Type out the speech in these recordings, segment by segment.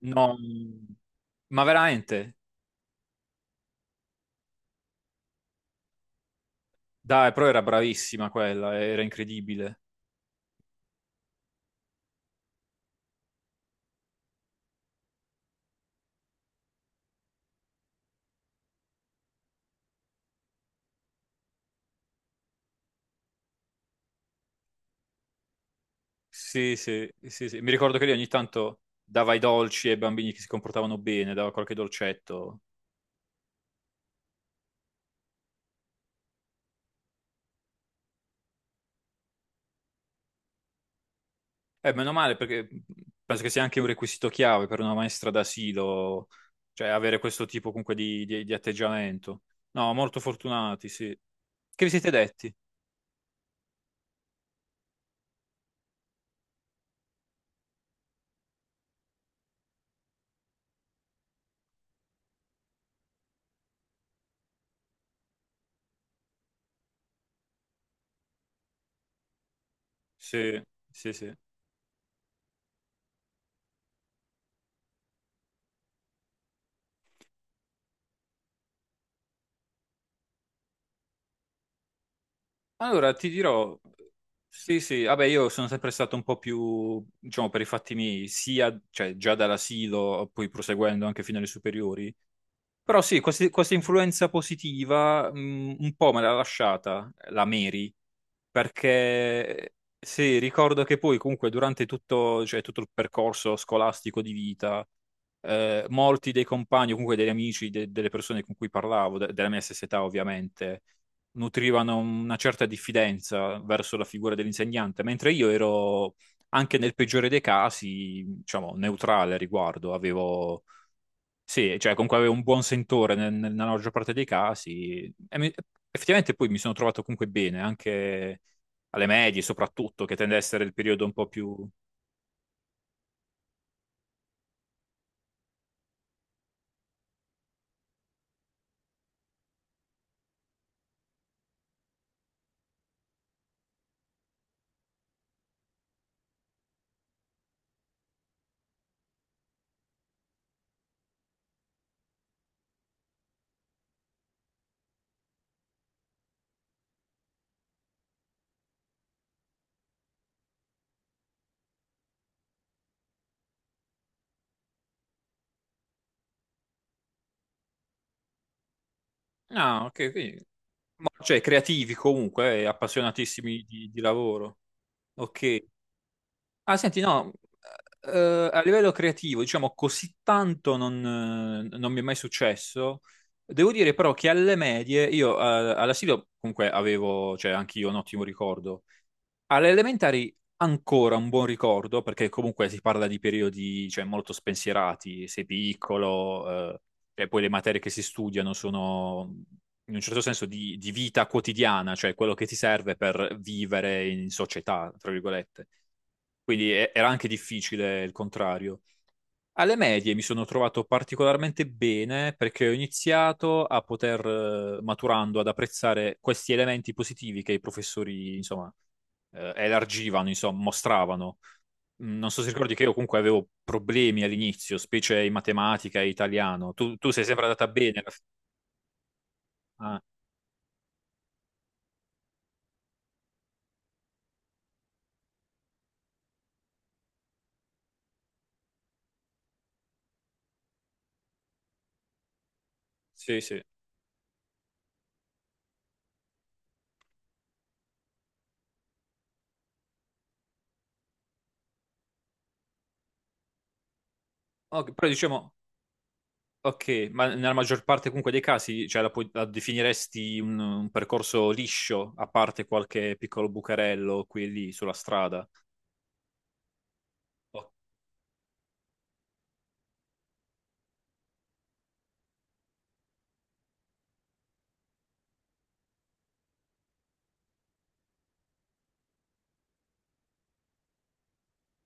No, ma veramente? Dai, però era bravissima quella, era incredibile. Sì, sì, sì, sì. Mi ricordo che lei ogni tanto dava i dolci ai bambini che si comportavano bene, dava qualche dolcetto. Meno male perché penso che sia anche un requisito chiave per una maestra d'asilo, cioè avere questo tipo comunque di, di atteggiamento. No, molto fortunati, sì. Che vi siete detti? Sì, sì, sì. Allora, ti dirò, sì, sì, vabbè, io sono sempre stato un po' più, diciamo, per i fatti miei, sia, cioè, già dall'asilo, poi proseguendo anche fino alle superiori. Però sì, questa influenza positiva, un po' me l'ha lasciata la Mary, perché sì, ricordo che poi comunque durante tutto, cioè, tutto il percorso scolastico di vita, molti dei compagni, o comunque degli amici, delle persone con cui parlavo, della mia stessa età ovviamente, nutrivano una certa diffidenza verso la figura dell'insegnante, mentre io ero anche nel peggiore dei casi, diciamo, neutrale a riguardo, avevo sì, cioè comunque avevo un buon sentore nella maggior parte dei casi. Effettivamente poi mi sono trovato comunque bene, anche alle medie soprattutto, che tende a essere il periodo un po' più... No, ok, cioè creativi comunque, e appassionatissimi di lavoro. Ok. Ah, senti, no, a livello creativo, diciamo, così tanto non, non mi è mai successo. Devo dire però che alle medie, io all'asilo comunque avevo, cioè anche io un ottimo ricordo. Alle elementari ancora un buon ricordo, perché comunque si parla di periodi, cioè, molto spensierati, sei piccolo, e poi le materie che si studiano sono in un certo senso di vita quotidiana, cioè quello che ti serve per vivere in società, tra virgolette. Quindi era anche difficile il contrario. Alle medie mi sono trovato particolarmente bene perché ho iniziato a poter, maturando, ad apprezzare questi elementi positivi che i professori, insomma, elargivano, insomma, mostravano. Non so se ricordi che io comunque avevo problemi all'inizio, specie in matematica e italiano. Tu sei sempre andata bene alla fine. Ah, sì, sì. Ok, però diciamo, ok, ma nella maggior parte comunque dei casi, cioè, la, la definiresti un percorso liscio, a parte qualche piccolo bucarello qui e lì sulla strada. O-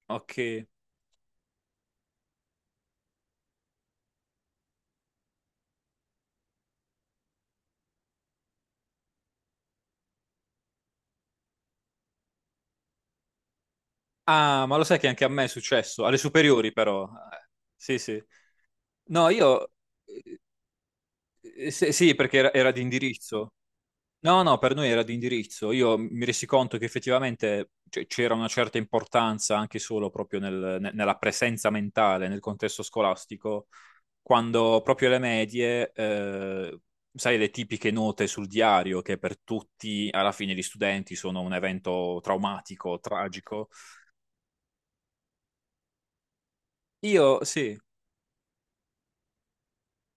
Ok. Ah, ma lo sai che anche a me è successo, alle superiori però. Sì, sì. No, io... eh, sì, sì, perché era, era di indirizzo. No, no, per noi era di indirizzo. Io mi resi conto che effettivamente cioè, c'era una certa importanza anche solo proprio nella presenza mentale, nel contesto scolastico, quando proprio le medie, sai, le tipiche note sul diario, che per tutti, alla fine, gli studenti sono un evento traumatico, tragico. Io sì.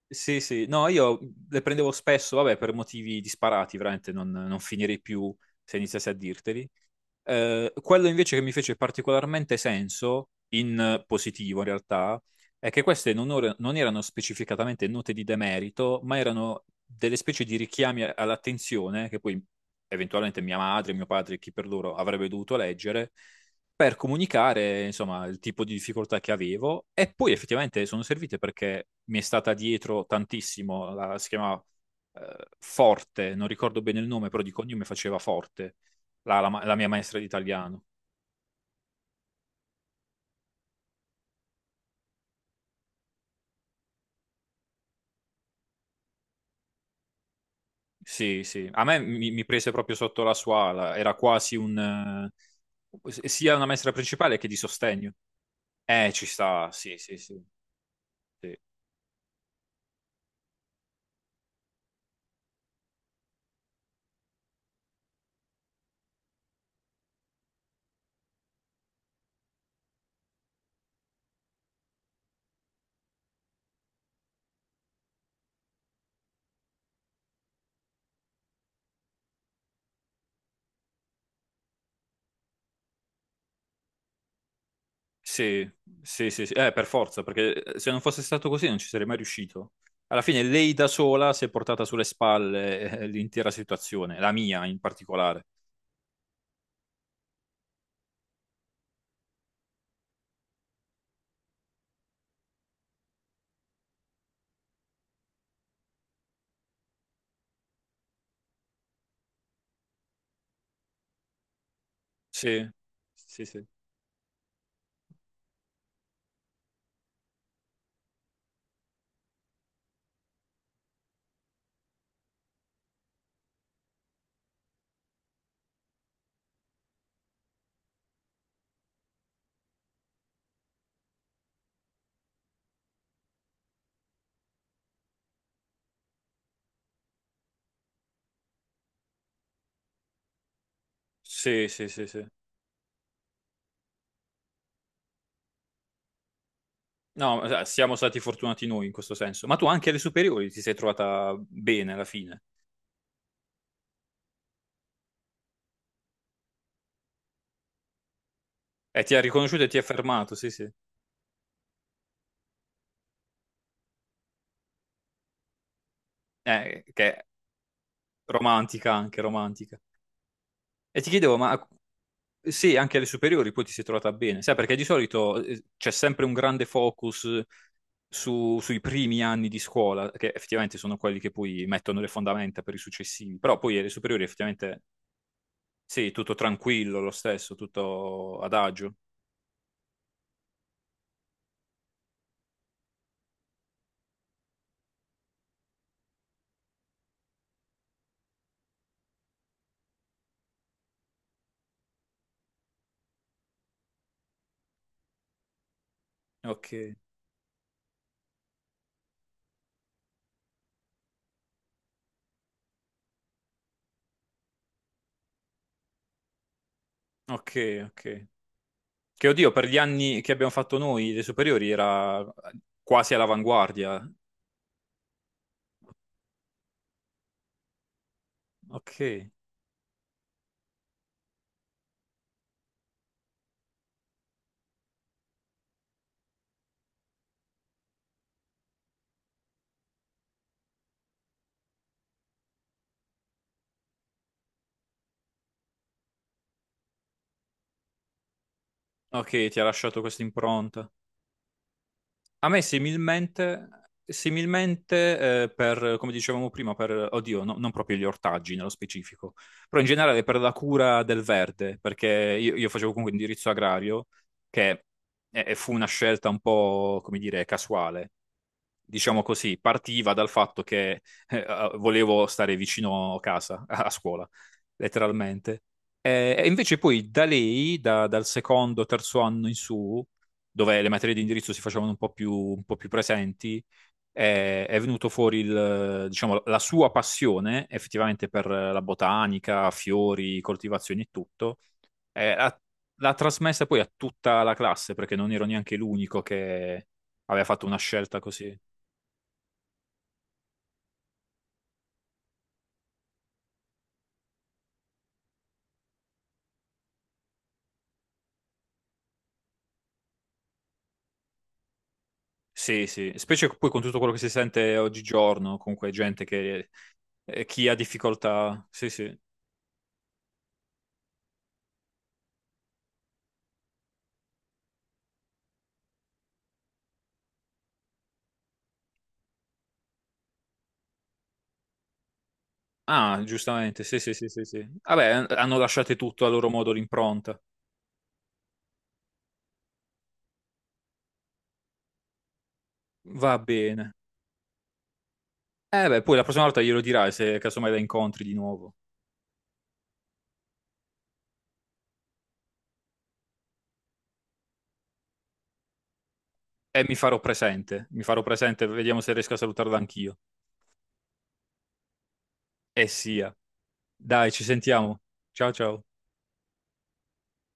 Sì, sì, no, io le prendevo spesso, vabbè, per motivi disparati, veramente non, non finirei più se iniziassi a dirteli. Quello invece che mi fece particolarmente senso, in positivo in realtà, è che queste non, non erano specificatamente note di demerito, ma erano delle specie di richiami all'attenzione che poi eventualmente mia madre, mio padre, chi per loro avrebbe dovuto leggere per comunicare, insomma, il tipo di difficoltà che avevo e poi effettivamente sono servite perché mi è stata dietro tantissimo, la, si chiamava Forte, non ricordo bene il nome, però di cognome faceva Forte la, la mia maestra di italiano. Sì, sì. A me mi prese proprio sotto la sua ala. Era quasi un... sia una maestra principale che di sostegno. Ci sta. Sì, sì, sì. Sì, sì, sì, sì, sì. Per forza, perché se non fosse stato così non ci sarei mai riuscito. Alla fine lei da sola si è portata sulle spalle l'intera situazione, la mia in particolare. Sì, sì, sì. Sì, sì, sì, sì. No, siamo stati fortunati noi in questo senso. Ma tu anche alle superiori ti sei trovata bene alla fine. E ti ha riconosciuto e ti ha fermato, sì, sì. Che è romantica anche, romantica. E ti chiedevo, ma sì, anche alle superiori poi ti sei trovata bene. Sai, perché di solito c'è sempre un grande focus sui primi anni di scuola, che effettivamente sono quelli che poi mettono le fondamenta per i successivi. Però poi alle superiori effettivamente, sì, tutto tranquillo lo stesso, tutto adagio. Ok, ok, ok. Che oddio, per gli anni che abbiamo fatto noi, le superiori, era quasi all'avanguardia. Ok, ok, ti ha lasciato questa impronta. A me similmente, similmente per, come dicevamo prima, per, oddio, non proprio gli ortaggi nello specifico, però in generale per la cura del verde, perché io facevo comunque indirizzo agrario, che fu una scelta un po', come dire, casuale. Diciamo così, partiva dal fatto che volevo stare vicino casa, a scuola, letteralmente. E invece poi da lei, dal secondo, terzo anno in su, dove le materie di indirizzo si facevano un po' più presenti, è venuto fuori il, diciamo, la sua passione effettivamente per la botanica, fiori, coltivazioni e tutto. Eh, l'ha, L'ha trasmessa poi a tutta la classe, perché non ero neanche l'unico che aveva fatto una scelta così. Sì, sì, specie poi con tutto quello che si sente oggigiorno, comunque gente che chi ha difficoltà. Sì, sì. Ah, giustamente, sì, sì, sì, sì, sì. Vabbè, hanno lasciato tutto a loro modo l'impronta. Va bene. Eh beh, poi la prossima volta glielo dirai se casomai la incontri di nuovo. E mi farò presente, vediamo se riesco a salutarla anch'io. E sia. Dai, ci sentiamo. Ciao ciao.